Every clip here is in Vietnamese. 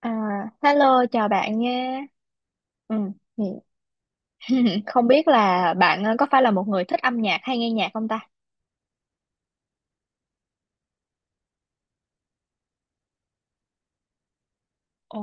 À, hello chào bạn nha. Ừ, thì- không biết là bạn có phải là một người thích âm nhạc hay nghe nhạc không ta? Ồ.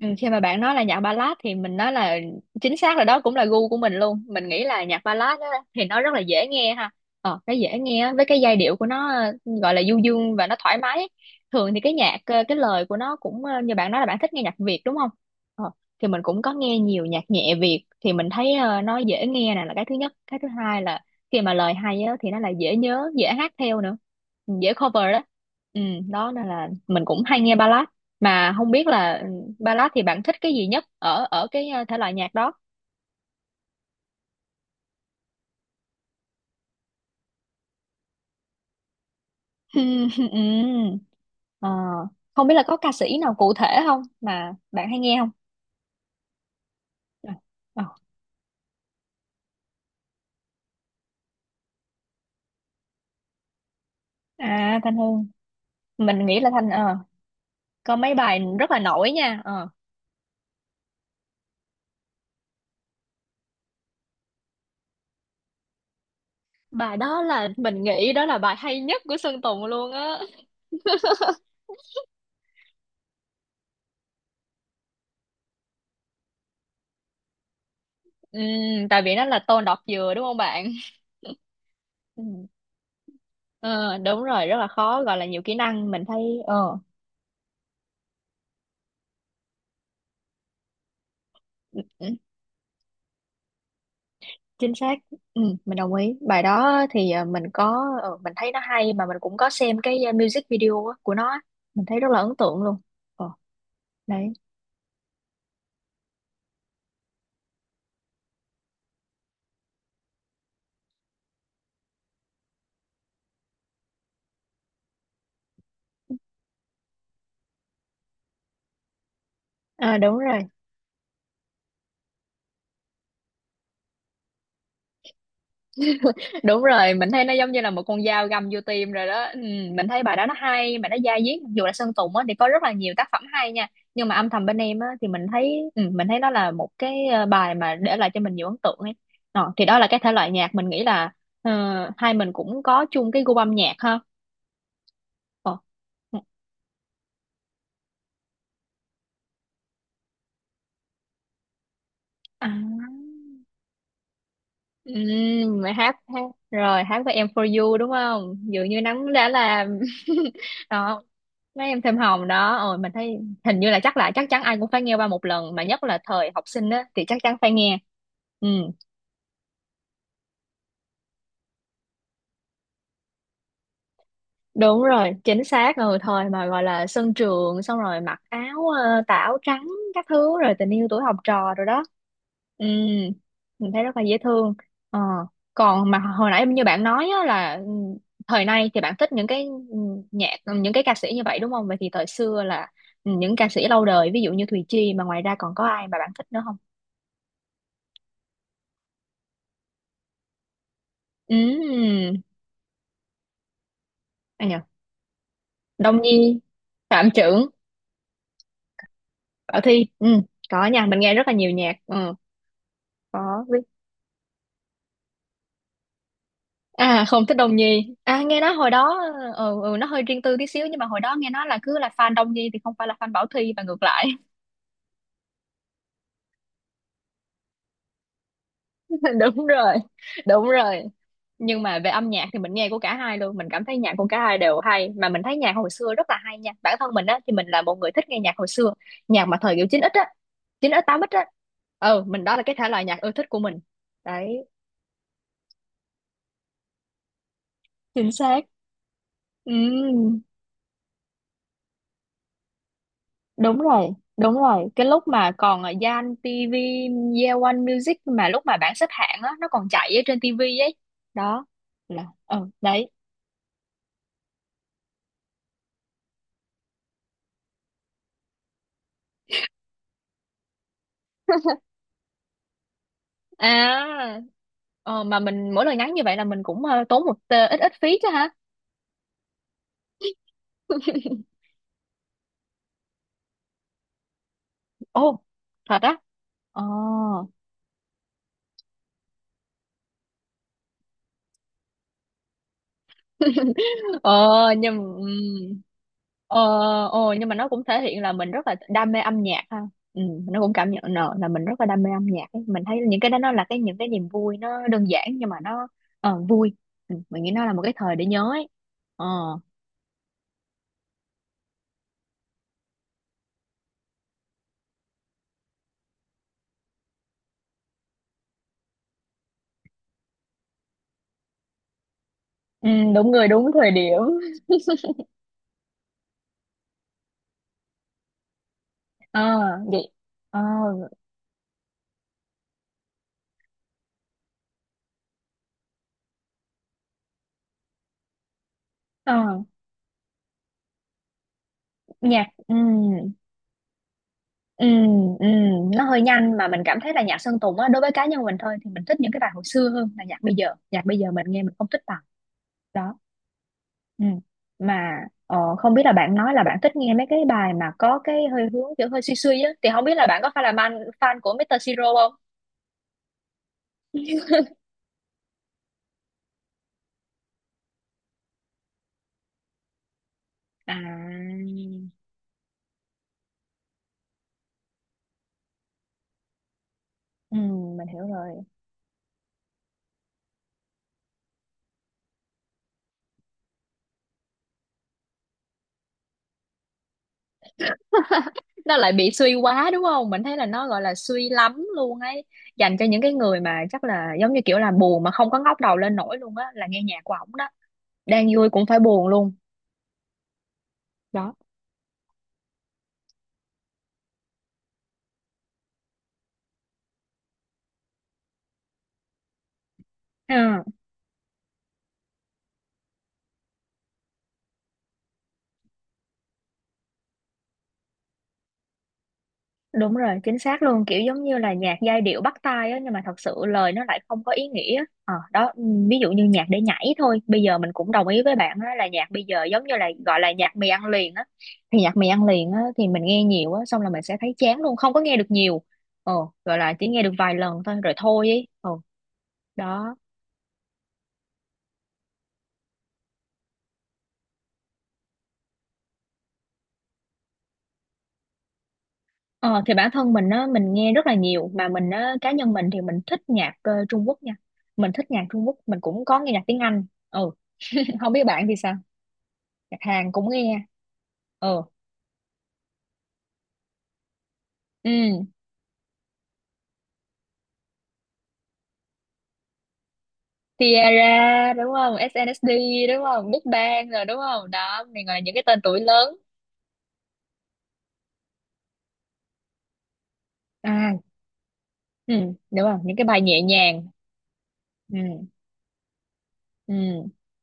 Ừ, khi mà bạn nói là nhạc ballad thì mình nói là chính xác là đó cũng là gu của mình luôn. Mình nghĩ là nhạc ballad á, thì nó rất là dễ nghe ha. Cái dễ nghe á, với cái giai điệu của nó, gọi là du dương và nó thoải mái. Thường thì cái nhạc, cái lời của nó cũng, như bạn nói là bạn thích nghe nhạc Việt đúng không? ờ, thì mình cũng có nghe nhiều nhạc nhẹ Việt, thì mình thấy nó dễ nghe nè, là cái thứ nhất. Cái thứ hai là khi mà lời hay á, thì nó là dễ nhớ, dễ hát theo nữa. Ừ, dễ cover đó. ừ, Đó nên là mình cũng hay nghe ballad. Mà không biết là ballad thì bạn thích cái gì nhất ở ở cái, thể loại nhạc đó? Ừm. Ờ, không biết là có ca sĩ nào cụ thể không mà bạn hay nghe không? Ờ. Ờ. À, Thanh Hương, mình nghĩ là Thanh có mấy bài rất là nổi nha. Ờ. Bài đó là mình nghĩ đó là bài hay nhất của Sơn Tùng luôn á. Ừm, Tại vì nó là tô đọt dừa đúng không bạn? Ừm. Ờ, đúng rồi, rất là khó, gọi là nhiều kỹ năng mình thấy. ờ Chính xác. Ừ, mình đồng ý. Bài đó thì, mình có, mình thấy nó hay, mà mình cũng có xem cái, music video á, của nó á. Mình thấy rất là ấn tượng luôn. ờ Đấy. À, đúng rồi. Đúng rồi, mình thấy nó giống như là một con dao găm vô tim rồi đó. Ừ, mình thấy bài đó nó hay mà nó dai dứt. Dù là Sơn Tùng á thì có rất là nhiều tác phẩm hay nha, nhưng mà âm thầm bên em á thì mình thấy, mình thấy nó là một cái, bài mà để lại cho mình nhiều ấn tượng ấy. Ờ, thì đó là cái thể loại nhạc mình nghĩ là, ờ, hai mình cũng có chung cái gu âm nhạc ha. Ờ. ừ. À. Ừ, mà hát hát rồi hát với em for you đúng không? Dường như nắng đã làm đó. Mấy em thêm hồng đó, ôi mình thấy hình như là chắc chắn ai cũng phải nghe qua một lần, mà nhất là thời học sinh á thì chắc chắn phải nghe. Ừ. Đúng rồi, chính xác. Ừ, thời mà gọi là sân trường, xong rồi mặc áo, tà áo trắng các thứ, rồi tình yêu tuổi học trò rồi đó. ừ, mình thấy rất là dễ thương. ờ Còn mà hồi nãy như bạn nói á, là, thời nay thì bạn thích những cái, ừ, nhạc, những cái ca sĩ như vậy đúng không? Vậy thì thời xưa là, những ca sĩ lâu đời ví dụ như Thùy Chi, mà ngoài ra còn có ai mà bạn thích nữa không? ừ Ai nhờ. Đông Nhi. Phạm Trưởng. Bảo Thi. Ừ có nha, mình nghe rất là nhiều nhạc. Ừ có. À, không thích Đông Nhi. À, nghe nói hồi đó, nó hơi riêng tư tí xíu. Nhưng mà hồi đó nghe nói là cứ là fan Đông Nhi thì không phải là fan Bảo Thy và ngược lại. Đúng rồi. Đúng rồi. Nhưng mà về âm nhạc thì mình nghe của cả hai luôn. Mình cảm thấy nhạc của cả hai đều hay. Mà mình thấy nhạc hồi xưa rất là hay nha. Bản thân mình á thì mình là một người thích nghe nhạc hồi xưa. Nhạc mà thời kiểu chín x á, chín x tám x á. Mình, đó là cái thể loại nhạc ưa thích của mình. Đấy. Chính xác. Ừ. Đúng rồi, đúng rồi, cái lúc mà còn ở Zan TV, Yeon Music, mà lúc mà bảng xếp hạng á nó còn chạy ở trên TV ấy. Đó là đấy. à mà mình mỗi lần nhắn như vậy là mình cũng, tốn một, ít ít phí chứ hả. Ồ, thật á. Ờ ờ nhưng ừm, ờ, nhưng mà nó cũng thể hiện là mình rất là đam mê âm nhạc ha. ừ, nó cũng cảm nhận nợ là mình rất là đam mê âm nhạc ấy. Mình thấy những cái đó nó là cái những cái niềm vui, nó đơn giản, nhưng mà nó, vui. Mình nghĩ nó là một cái thời để nhớ ấy. ờ ừ, Đúng người đúng thời điểm. ờ vậy ờ ờ nhạc ừ. Ừ, ừ, nó hơi nhanh, mà mình cảm thấy là nhạc Sơn Tùng á, đối với cá nhân mình thôi, thì mình thích những cái bài hồi xưa hơn là nhạc bây giờ. Nhạc bây giờ mình nghe mình không thích bằng. Đó. Ừ. Mà, không biết là bạn nói là bạn thích nghe mấy cái bài mà có cái hơi hướng kiểu hơi suy suy á, thì không biết là bạn có phải là fan fan của Mr. Siro không? À, ừ, mình hiểu rồi. Nó lại bị suy quá đúng không? Mình thấy là nó gọi là suy lắm luôn ấy, dành cho những cái người mà chắc là giống như kiểu là buồn mà không có ngóc đầu lên nổi luôn á, là nghe nhạc của ổng. Đang vui cũng phải buồn luôn. Đó. Ờ, đúng rồi, chính xác luôn, kiểu giống như là nhạc giai điệu bắt tai á, nhưng mà thật sự lời nó lại không có ý nghĩa. Ờ, đó. Ừ, Ví dụ như nhạc để nhảy thôi. Bây giờ mình cũng đồng ý với bạn á, là nhạc bây giờ giống như là gọi là nhạc mì ăn liền á. Thì nhạc mì ăn liền á thì mình nghe nhiều á, xong là mình sẽ thấy chán luôn, không có nghe được nhiều. ờ Gọi là chỉ nghe được vài lần thôi rồi thôi ấy. Ờ Đó. Ờ, thì bản thân mình á, mình nghe rất là nhiều, mà mình á, cá nhân mình thì mình thích nhạc, Trung Quốc nha. Mình thích nhạc Trung Quốc, mình cũng có nghe nhạc tiếng Anh. Ừ. Không biết bạn thì sao? Nhạc Hàn cũng nghe. Ừ. Ừ. Tiara đúng không? SNSD đúng không? Big Bang rồi đúng không? Đó, này gọi là những cái tên tuổi lớn. À, ừ, đúng không? Những cái bài nhẹ nhàng. Ừ. Ừ,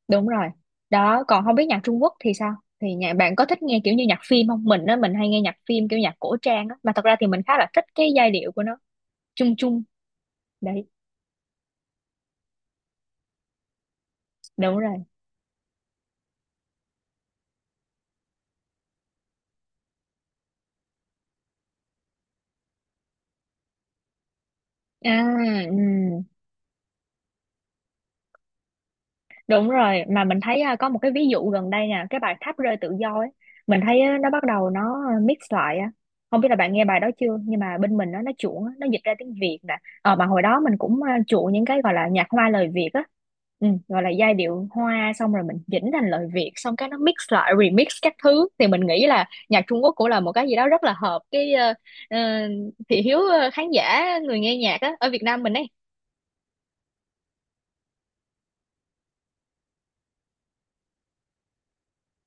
đúng rồi. Đó, còn không biết nhạc Trung Quốc thì sao? Thì nhà bạn có thích nghe kiểu như nhạc phim không? Mình á, mình hay nghe nhạc phim kiểu nhạc cổ trang á, mà thật ra thì mình khá là thích cái giai điệu của nó, chung chung. Đấy, đúng rồi. À, ừ. Đúng rồi, mà mình thấy à, có một cái ví dụ gần đây nè, cái bài Tháp rơi tự do ấy, mình thấy á, nó bắt đầu nó à, mix lại á. Không biết là bạn nghe bài đó chưa, nhưng mà bên mình á, nó chuộng á, nó dịch ra tiếng Việt nè. Ờ mà hồi đó mình cũng à, chuộng những cái gọi là nhạc hoa lời Việt á. Ừ, gọi là giai điệu hoa, xong rồi mình chỉnh thành lời Việt, xong cái nó mix lại remix các thứ. Thì mình nghĩ là nhạc Trung Quốc cũng là một cái gì đó rất là hợp cái, ờ, thị hiếu, khán giả người nghe nhạc á ở Việt Nam mình ấy.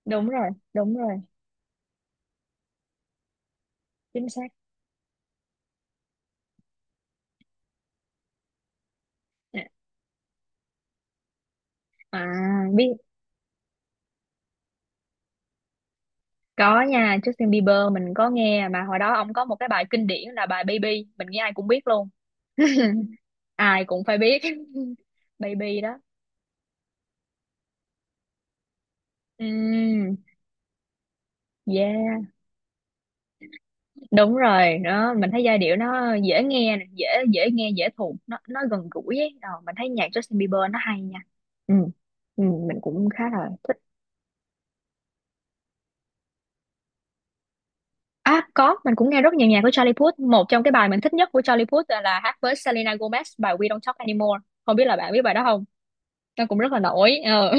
Đúng rồi, chính xác. À, à, biết. Có nha, Justin Bieber mình có nghe, mà hồi đó ông có một cái bài kinh điển là bài Baby, mình nghĩ ai cũng biết luôn. Ai cũng phải biết. Baby đó. Ừm, yeah, đúng rồi, đó mình thấy giai điệu nó dễ nghe nè, dễ dễ nghe, dễ thuộc, nó gần gũi ấy. Ờ, mình thấy nhạc Justin Bieber nó hay nha. Ừ. Ừ, mình cũng khá là thích. À có, mình cũng nghe rất nhiều nhạc của Charlie Puth. Một trong cái bài mình thích nhất của Charlie Puth là hát với Selena Gomez bài We Don't Talk Anymore. Không biết là bạn biết bài đó không? Nó cũng rất là nổi. Ờ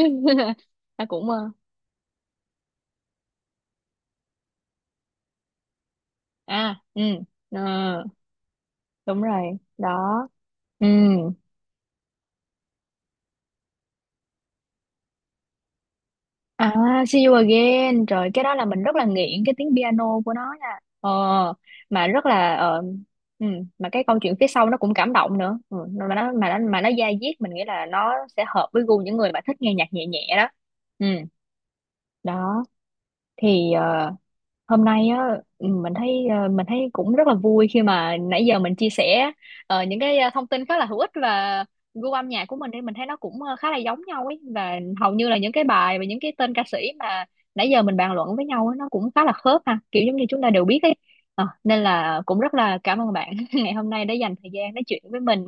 Nó cũng, à ừ ờ, đúng rồi đó. ừ à See You Again, trời, cái đó là mình rất là nghiện cái tiếng piano của nó nha. Ờ mà rất là, ừ, mà cái câu chuyện phía sau nó cũng cảm động nữa. Ừ, mà nó mà nó da diết, mình nghĩ là nó sẽ hợp với gu những người mà thích nghe nhạc nhẹ nhẹ đó. ừ Đó, thì, hôm nay á, mình thấy, mình thấy cũng rất là vui khi mà nãy giờ mình chia sẻ, những cái, thông tin khá là hữu ích, và gu âm nhạc của mình thì mình thấy nó cũng, khá là giống nhau ấy, và hầu như là những cái bài và những cái tên ca sĩ mà nãy giờ mình bàn luận với nhau ấy, nó cũng khá là khớp ha, kiểu giống như chúng ta đều biết ấy. Ờ, nên là cũng rất là cảm ơn bạn ngày hôm nay đã dành thời gian nói chuyện với mình.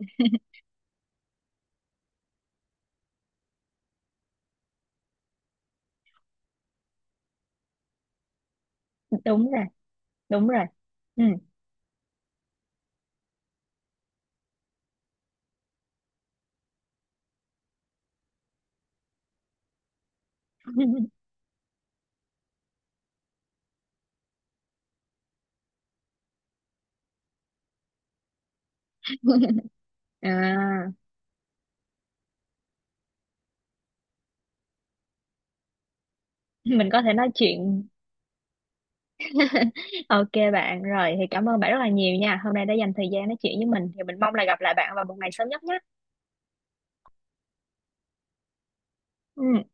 Đúng rồi. Đúng rồi. Ừ. À, mình có thể nói chuyện. Ok bạn, rồi thì cảm ơn bạn rất là nhiều nha. Hôm nay đã dành thời gian nói chuyện với mình, thì mình mong là gặp lại bạn vào một ngày sớm nhất nhé. Ừ.